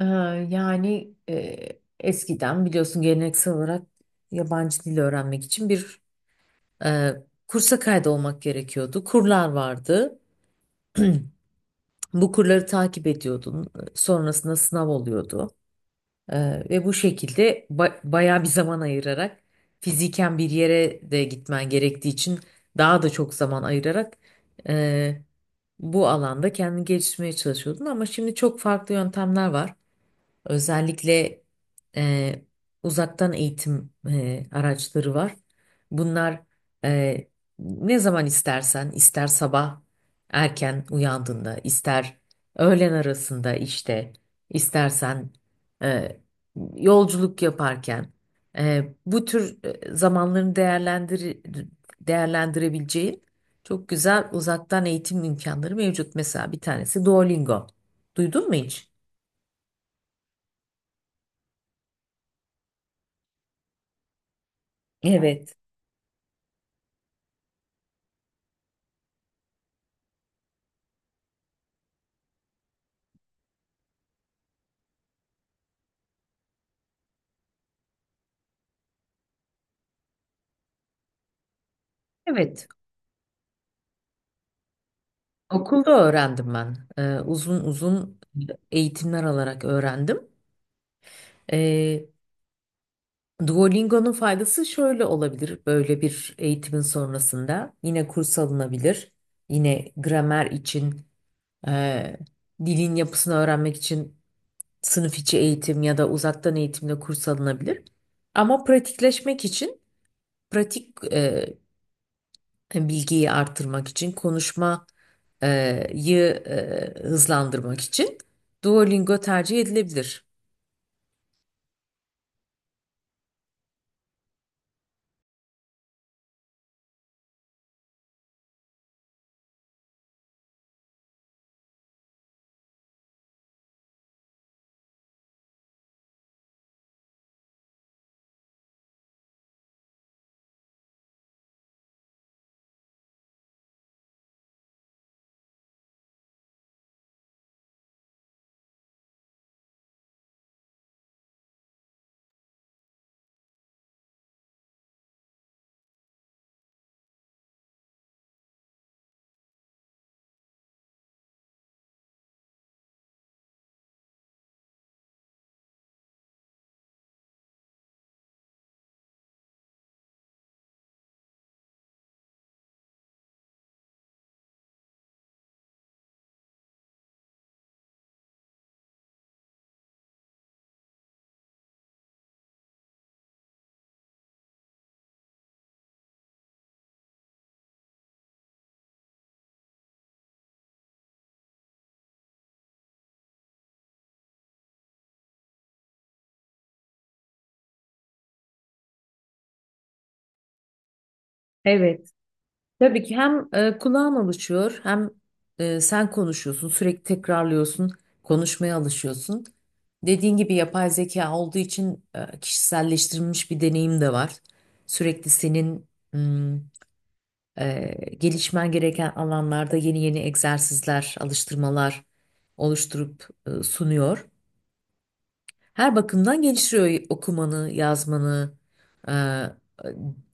Ee, Yani, eskiden biliyorsun, geleneksel olarak yabancı dil öğrenmek için bir e, kursa kaydolmak gerekiyordu. Kurlar vardı. Bu kurları takip ediyordun. Sonrasında sınav oluyordu. Ve bu şekilde bayağı bir zaman ayırarak, fiziken bir yere de gitmen gerektiği için daha da çok zaman ayırarak e, bu alanda kendini geliştirmeye çalışıyordun. Ama şimdi çok farklı yöntemler var. Özellikle e, uzaktan eğitim araçları var. Bunlar e, ne zaman istersen, ister sabah erken uyandığında, ister öğlen arasında işte, istersen e, yolculuk yaparken, bu tür zamanlarını değerlendirebileceği çok güzel uzaktan eğitim imkanları mevcut. Mesela bir tanesi Duolingo. Duydun mu hiç? Evet. Evet. Okulda öğrendim ben. Uzun uzun eğitimler alarak öğrendim. Ee, Duolingo'nun faydası şöyle olabilir. Böyle bir eğitimin sonrasında yine kurs alınabilir. Yine gramer için, e, dilin yapısını öğrenmek için sınıf içi eğitim ya da uzaktan eğitimle kurs alınabilir. Ama pratikleşmek için pratik bilgiyi arttırmak için, konuşmayı hızlandırmak için Duolingo tercih edilebilir. Evet. Tabii ki hem kulağım alışıyor, hem sen konuşuyorsun, sürekli tekrarlıyorsun, konuşmaya alışıyorsun. Dediğin gibi yapay zeka olduğu için kişiselleştirilmiş bir deneyim de var. Sürekli senin mm, e, gelişmen gereken alanlarda yeni yeni egzersizler, alıştırmalar oluşturup sunuyor. Her bakımdan geliştiriyor okumanı, yazmanı, e,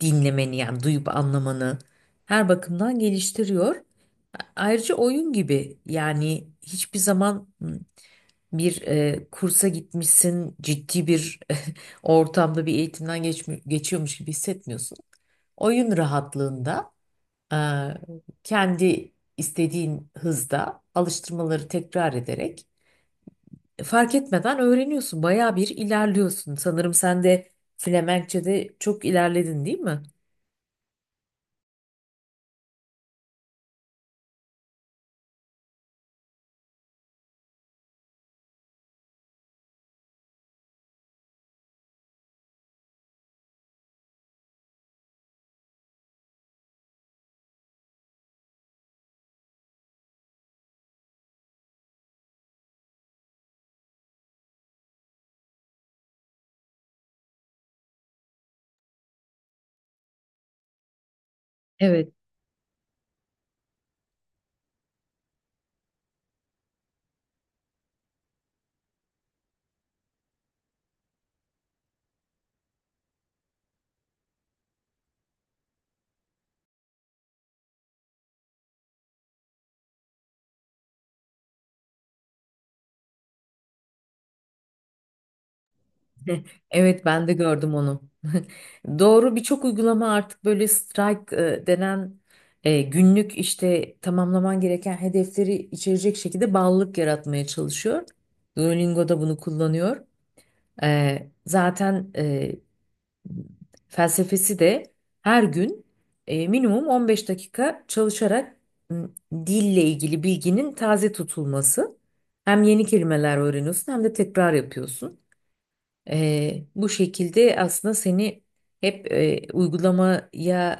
dinlemeni, yani duyup anlamanı. Her bakımdan geliştiriyor. Ayrıca oyun gibi, yani hiçbir zaman bir kursa gitmişsin, ciddi bir ortamda bir eğitimden geçiyormuş gibi hissetmiyorsun. Oyun rahatlığında e, kendi istediğin hızda alıştırmaları tekrar ederek fark etmeden öğreniyorsun. Bayağı bir ilerliyorsun. Sanırım sen de Flemenkçe'de çok ilerledin, değil mi? Evet. Evet, ben de gördüm onu. Doğru, birçok uygulama artık böyle strike denen, günlük işte tamamlaman gereken hedefleri içerecek şekilde bağlılık yaratmaya çalışıyor. Duolingo da bunu kullanıyor. Zaten felsefesi de her gün minimum 15 dakika çalışarak m, dille ilgili bilginin taze tutulması. Hem yeni kelimeler öğreniyorsun, hem de tekrar yapıyorsun. Bu şekilde aslında seni hep uygulamaya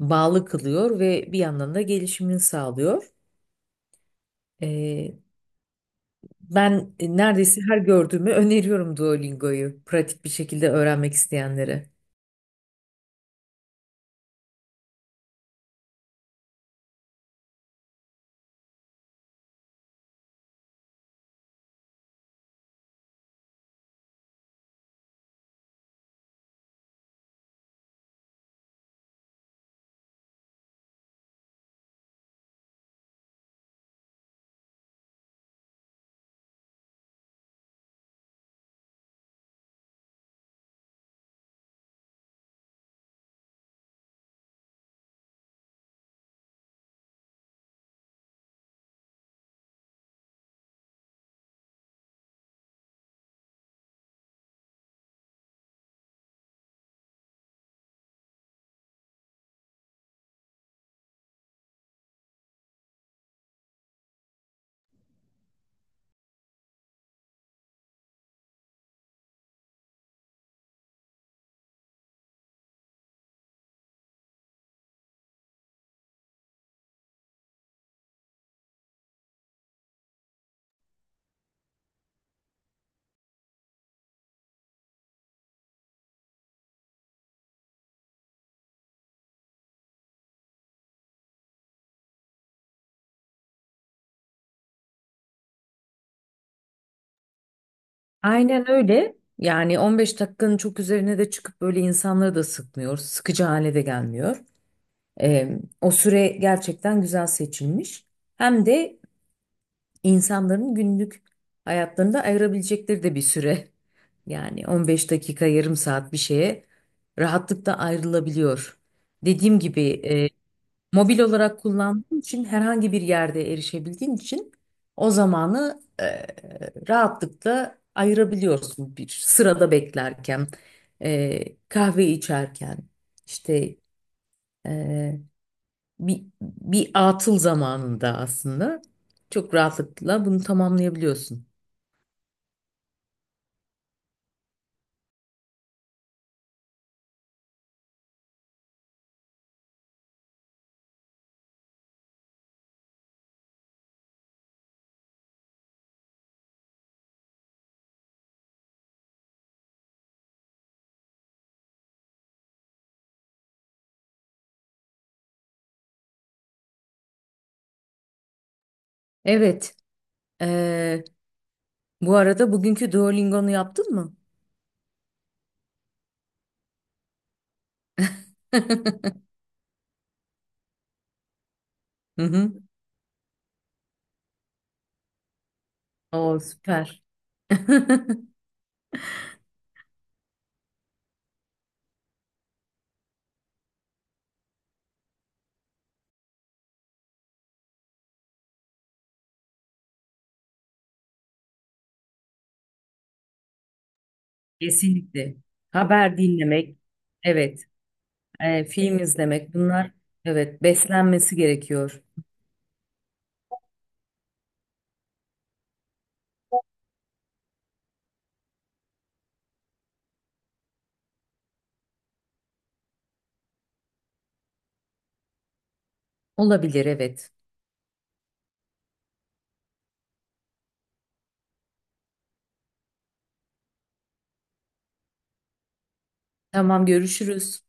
e, bağlı kılıyor ve bir yandan da gelişimini sağlıyor. E, Ben neredeyse her gördüğümü öneriyorum Duolingo'yu, pratik bir şekilde öğrenmek isteyenlere. Aynen öyle. Yani 15 dakikanın çok üzerine de çıkıp böyle insanları da sıkmıyor. Sıkıcı hale de gelmiyor. O süre gerçekten güzel seçilmiş. Hem de insanların günlük hayatlarında ayırabilecekleri de bir süre. Yani 15 dakika, yarım saat bir şeye rahatlıkla ayrılabiliyor. Dediğim gibi, mobil olarak kullandığın için, herhangi bir yerde erişebildiğin için o zamanı rahatlıkla ayırabiliyorsun bir sırada beklerken, kahve içerken, işte e, bir atıl zamanında aslında çok rahatlıkla bunu tamamlayabiliyorsun. Evet. eee, Bu arada, bugünkü Duolingo'nu yaptın mı? Hı hı. O süper. Kesinlikle. Haber dinlemek, evet, film izlemek, bunlar, evet, beslenmesi gerekiyor. Olabilir, evet. Tamam, görüşürüz.